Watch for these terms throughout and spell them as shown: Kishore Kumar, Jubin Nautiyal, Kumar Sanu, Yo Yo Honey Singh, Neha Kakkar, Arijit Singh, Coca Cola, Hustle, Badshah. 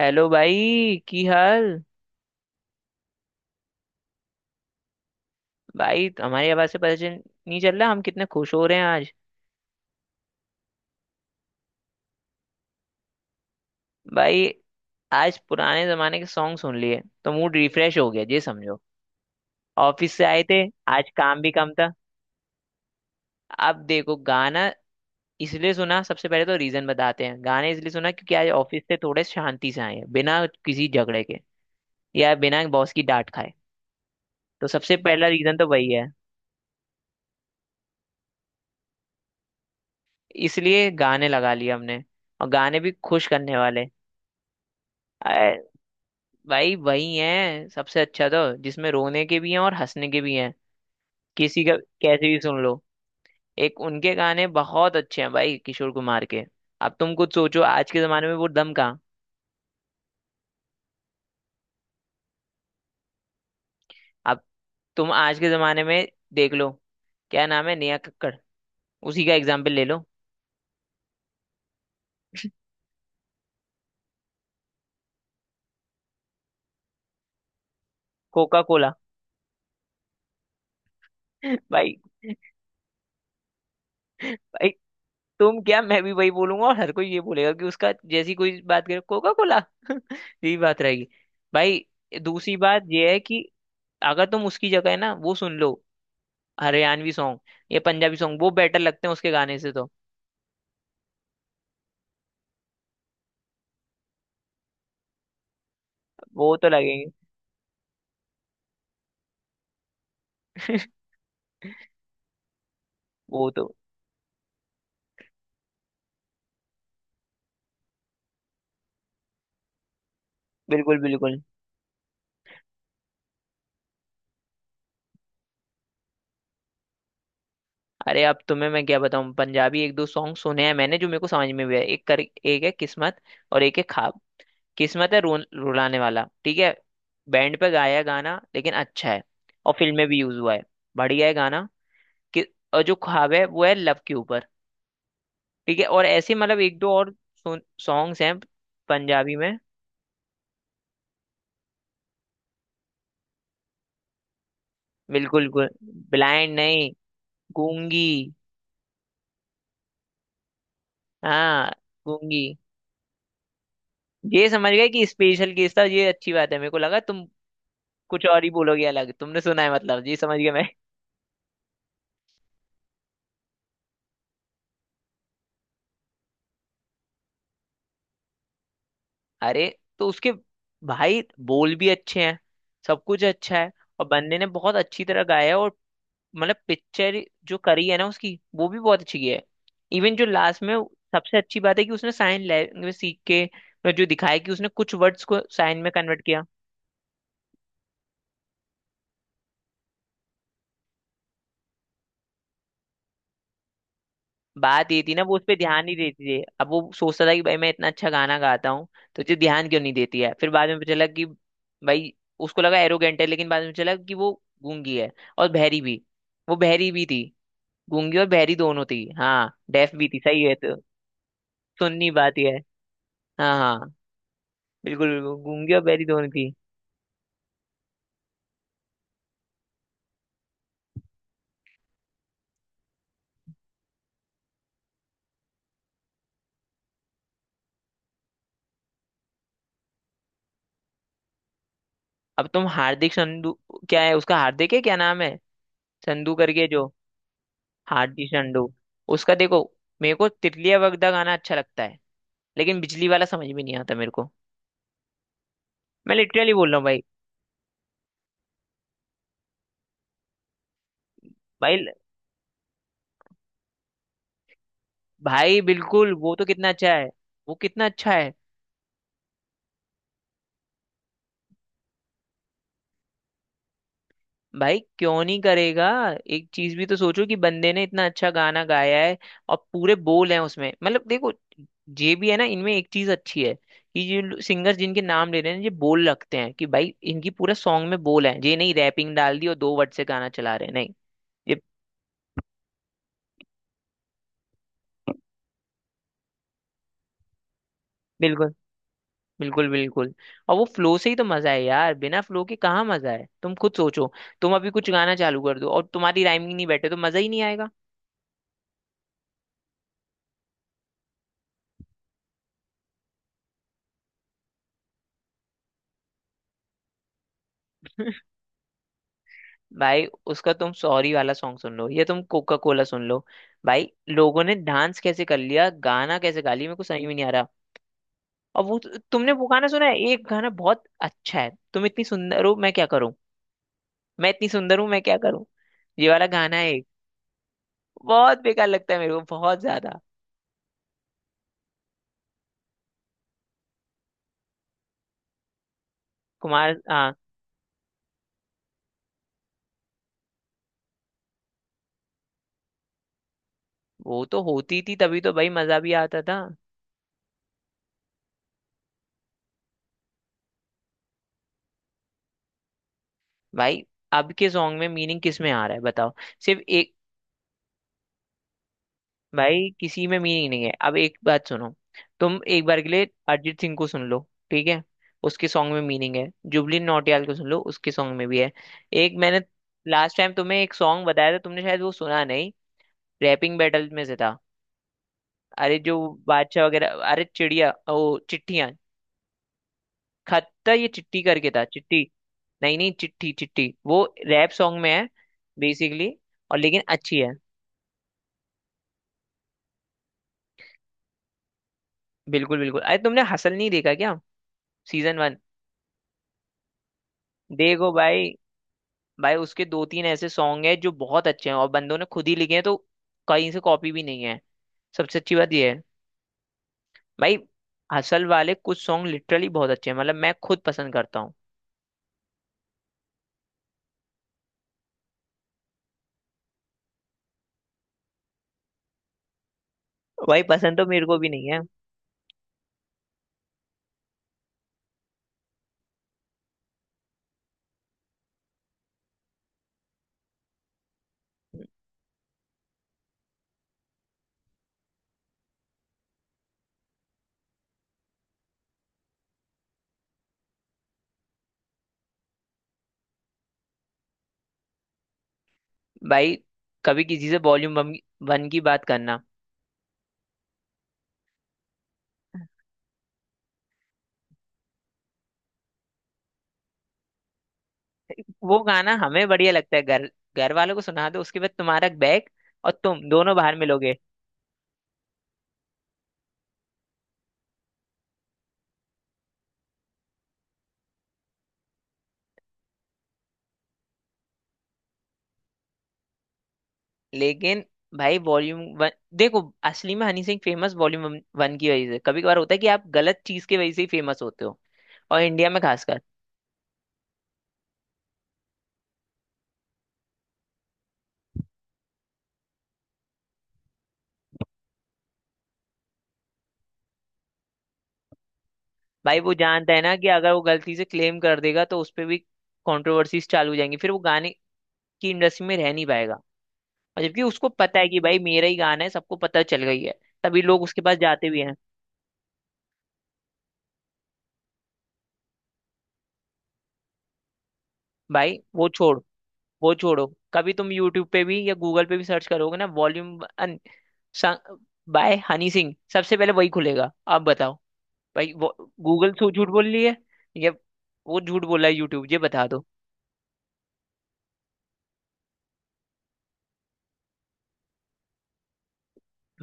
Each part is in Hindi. हेलो भाई। की हाल? भाई हमारी आवाज से पता चल नहीं चल रहा हम कितने खुश हो रहे हैं आज। भाई आज पुराने जमाने के सॉन्ग सुन लिए तो मूड रिफ्रेश हो गया ये समझो। ऑफिस से आए थे, आज काम भी कम था। अब देखो गाना इसलिए सुना, सबसे पहले तो रीजन बताते हैं, गाने इसलिए सुना क्योंकि आज ऑफिस से थोड़े शांति से आए हैं बिना किसी झगड़े के। या बिना बॉस की डांट खाए। तो सबसे पहला रीजन तो वही है। इसलिए गाने लगा लिए हमने, और गाने भी खुश करने वाले। भाई वही है सबसे अच्छा तो, जिसमें रोने के भी हैं और हंसने के भी हैं किसी का। कैसे भी सुन लो, एक उनके गाने बहुत अच्छे हैं भाई किशोर कुमार के। अब तुम कुछ सोचो आज के जमाने में वो दम कहाँ। अब तुम आज के जमाने में देख लो, क्या नाम है, नेहा कक्कड़, उसी का एग्जाम्पल ले लो। कोका कोला भाई, भाई तुम क्या मैं भी वही बोलूंगा और हर कोई ये बोलेगा कि उसका जैसी कोई बात करे कोका कोला यही बात रहेगी। भाई दूसरी बात ये है कि अगर तुम उसकी जगह है ना वो सुन लो हरियाणवी सॉन्ग या पंजाबी सॉन्ग, वो बेटर लगते हैं उसके गाने से तो। वो तो लगेंगे। वो तो बिल्कुल बिल्कुल। अरे अब तुम्हें मैं क्या बताऊं, पंजाबी एक दो सॉन्ग सुने हैं मैंने जो मेरे को समझ में भी है। एक कर एक है किस्मत और एक है ख्वाब। किस्मत है रो, रुलाने वाला, ठीक है, बैंड पे गाया है गाना लेकिन अच्छा है। और फिल्म में भी यूज हुआ है। बढ़िया है गाना। कि और जो ख्वाब है वो है लव के ऊपर। ठीक है। और ऐसे मतलब एक दो और सॉन्ग्स हैं पंजाबी में। बिल्कुल, ब्लाइंड नहीं, गूंगी। हाँ गूंगी। ये समझ गए कि स्पेशल केस था ये, अच्छी बात है, मेरे को लगा तुम कुछ और ही बोलोगे अलग, तुमने सुना है मतलब, ये समझ गया मैं। अरे तो उसके भाई बोल भी अच्छे हैं, सब कुछ अच्छा है, और बंदे ने बहुत अच्छी तरह गाया है। और मतलब पिक्चर जो करी है ना उसकी, वो भी बहुत अच्छी की है। इवन जो लास्ट में सबसे अच्छी बात है कि उसने साइन लैंग्वेज सीख के जो दिखाया, कि उसने कुछ वर्ड्स को साइन में कन्वर्ट किया। बात ये थी ना वो उस पर ध्यान नहीं देती थी, अब वो सोचता था कि भाई मैं इतना अच्छा गाना गाता हूँ, तो मुझे ध्यान क्यों नहीं देती है। फिर बाद में पता चला कि भाई उसको लगा एरोगेंट है, लेकिन बाद में चला कि वो गूंगी है और बहरी भी। वो बहरी भी थी, गूंगी और बहरी दोनों थी। हाँ डेफ भी थी, सही है तो, सुननी बात यह है। हाँ हाँ। बिल्कुल बिल्कुल, गूंगी और बहरी दोनों थी। अब तुम हार्दिक संधू, क्या है उसका, हार्दिक है, क्या नाम है, संधू करके जो। हार्दिक संधू, उसका देखो, मेरे को तितलिया वगदा गाना अच्छा लगता है, लेकिन बिजली वाला समझ में नहीं आता मेरे को। मैं लिटरली बोल रहा हूँ भाई। भाई, भाई बिल्कुल वो तो कितना अच्छा है, वो कितना अच्छा है। भाई क्यों नहीं करेगा, एक चीज भी तो सोचो कि बंदे ने इतना अच्छा गाना गाया है और पूरे बोल हैं उसमें, मतलब देखो, ये भी है ना इनमें एक चीज अच्छी है कि ये सिंगर्स जिनके नाम ले रहे हैं ये बोल रखते हैं, कि भाई इनकी पूरा सॉन्ग में बोल है, ये नहीं रैपिंग डाल दी और दो वर्ड से गाना चला रहे हैं, नहीं। ये बिल्कुल, बिल्कुल बिल्कुल। और वो फ्लो से ही तो मजा है यार, बिना फ्लो के कहाँ मजा है, तुम खुद सोचो। तुम अभी कुछ गाना चालू कर दो और तुम्हारी राइमिंग नहीं बैठे तो मजा ही नहीं आएगा। भाई उसका तुम सॉरी वाला सॉन्ग सुन लो या तुम कोका कोला सुन लो, भाई लोगों ने डांस कैसे कर लिया, गाना कैसे गा लिया, मेरे को समझ में नहीं आ रहा। और वो, तुमने वो गाना सुना है, एक गाना बहुत अच्छा है, तुम इतनी सुंदर हो मैं क्या करूं, मैं इतनी सुंदर हूं मैं क्या करूं, ये वाला गाना है एक। बहुत बेकार लगता है मेरे को बहुत ज्यादा। कुमार हाँ। वो तो होती थी, तभी तो भाई मजा भी आता था। भाई अब के सॉन्ग में मीनिंग किस में आ रहा है बताओ, सिर्फ एक। भाई किसी में मीनिंग नहीं है, अब एक बात सुनो, तुम एक बार के लिए अरिजीत सिंह को सुन लो। ठीक है, उसके सॉन्ग में मीनिंग है, जुबली नौटियाल को सुन लो, उसके सॉन्ग में भी है। एक मैंने लास्ट टाइम तुम्हें एक सॉन्ग बताया था, तुमने शायद वो सुना नहीं, रैपिंग बैटल में से था। अरे जो बादशाह वगैरह, अरे चिड़िया ओ चिट्ठियां, खत्ता, ये चिट्टी करके था, चिट्टी। नहीं नहीं, चिट्ठी चिट्ठी, वो रैप सॉन्ग में है। बेसिकली और, लेकिन अच्छी है। बिल्कुल बिल्कुल, अरे तुमने हसल नहीं देखा क्या, सीजन 1? देखो भाई, भाई उसके दो तीन ऐसे सॉन्ग है जो बहुत अच्छे हैं और बंदों ने खुद ही लिखे हैं, तो कहीं से कॉपी भी नहीं है, सबसे अच्छी बात यह है। भाई हसल वाले कुछ सॉन्ग लिटरली बहुत अच्छे हैं, मतलब मैं खुद पसंद करता हूँ। भाई पसंद तो मेरे को भी नहीं है। भाई कभी किसी से वॉल्यूम 1 की बात करना। वो गाना हमें बढ़िया लगता है, घर, घर वालों को सुना दो उसके बाद तुम्हारा बैग, और तुम दोनों बाहर मिलोगे। लेकिन भाई वॉल्यूम 1 देखो, असली में हनी सिंह फेमस वॉल्यूम 1 की वजह से, कभी कभार होता है कि आप गलत चीज की वजह से ही फेमस होते हो, और इंडिया में खासकर। भाई वो जानता है ना कि अगर वो गलती से क्लेम कर देगा तो उस पर भी कॉन्ट्रोवर्सीज चालू हो जाएंगी, फिर वो गाने की इंडस्ट्री में रह नहीं पाएगा। और जबकि उसको पता है कि भाई मेरा ही गाना है, सबको पता चल गई है, तभी लोग उसके पास जाते भी हैं। भाई वो छोड़, वो छोड़ो। कभी तुम यूट्यूब पे भी या गूगल पे भी सर्च करोगे ना, वॉल्यूम बाय हनी सिंह, सबसे पहले वही खुलेगा, आप बताओ। भाई वो, गूगल सो झूठ बोल रही है या वो झूठ बोल रहा है यूट्यूब, ये बता दो।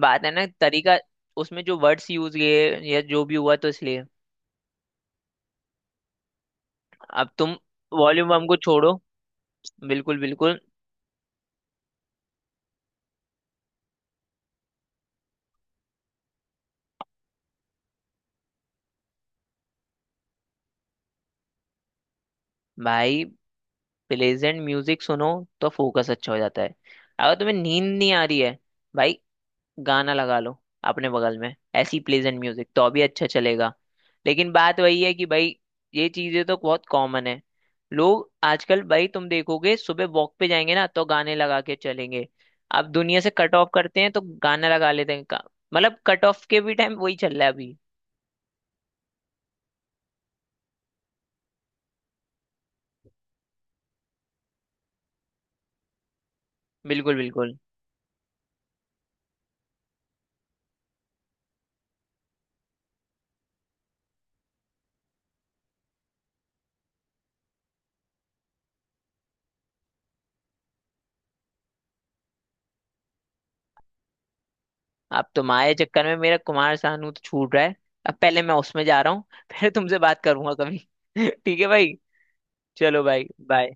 बात है ना तरीका, उसमें जो वर्ड्स यूज किए या जो भी हुआ, तो इसलिए। अब तुम वॉल्यूम हमको छोड़ो। बिल्कुल बिल्कुल। भाई प्लेजेंट म्यूजिक सुनो तो फोकस अच्छा हो जाता है। अगर तुम्हें नींद नहीं आ रही है भाई, गाना लगा लो अपने बगल में, ऐसी प्लेजेंट म्यूजिक तो अभी अच्छा चलेगा। लेकिन बात वही है कि भाई ये चीजें तो बहुत कॉमन है। लोग आजकल, भाई तुम देखोगे, सुबह वॉक पे जाएंगे ना तो गाने लगा के चलेंगे। अब दुनिया से कट ऑफ करते हैं तो गाना लगा लेते हैं मतलब कट ऑफ के भी टाइम वही चल रहा है अभी। बिल्कुल बिल्कुल। अब तुम्हारे चक्कर में मेरा कुमार सानू तो छूट रहा है, अब पहले मैं उसमें जा रहा हूँ। फिर तुमसे बात करूंगा कभी। ठीक है भाई, चलो भाई, बाय।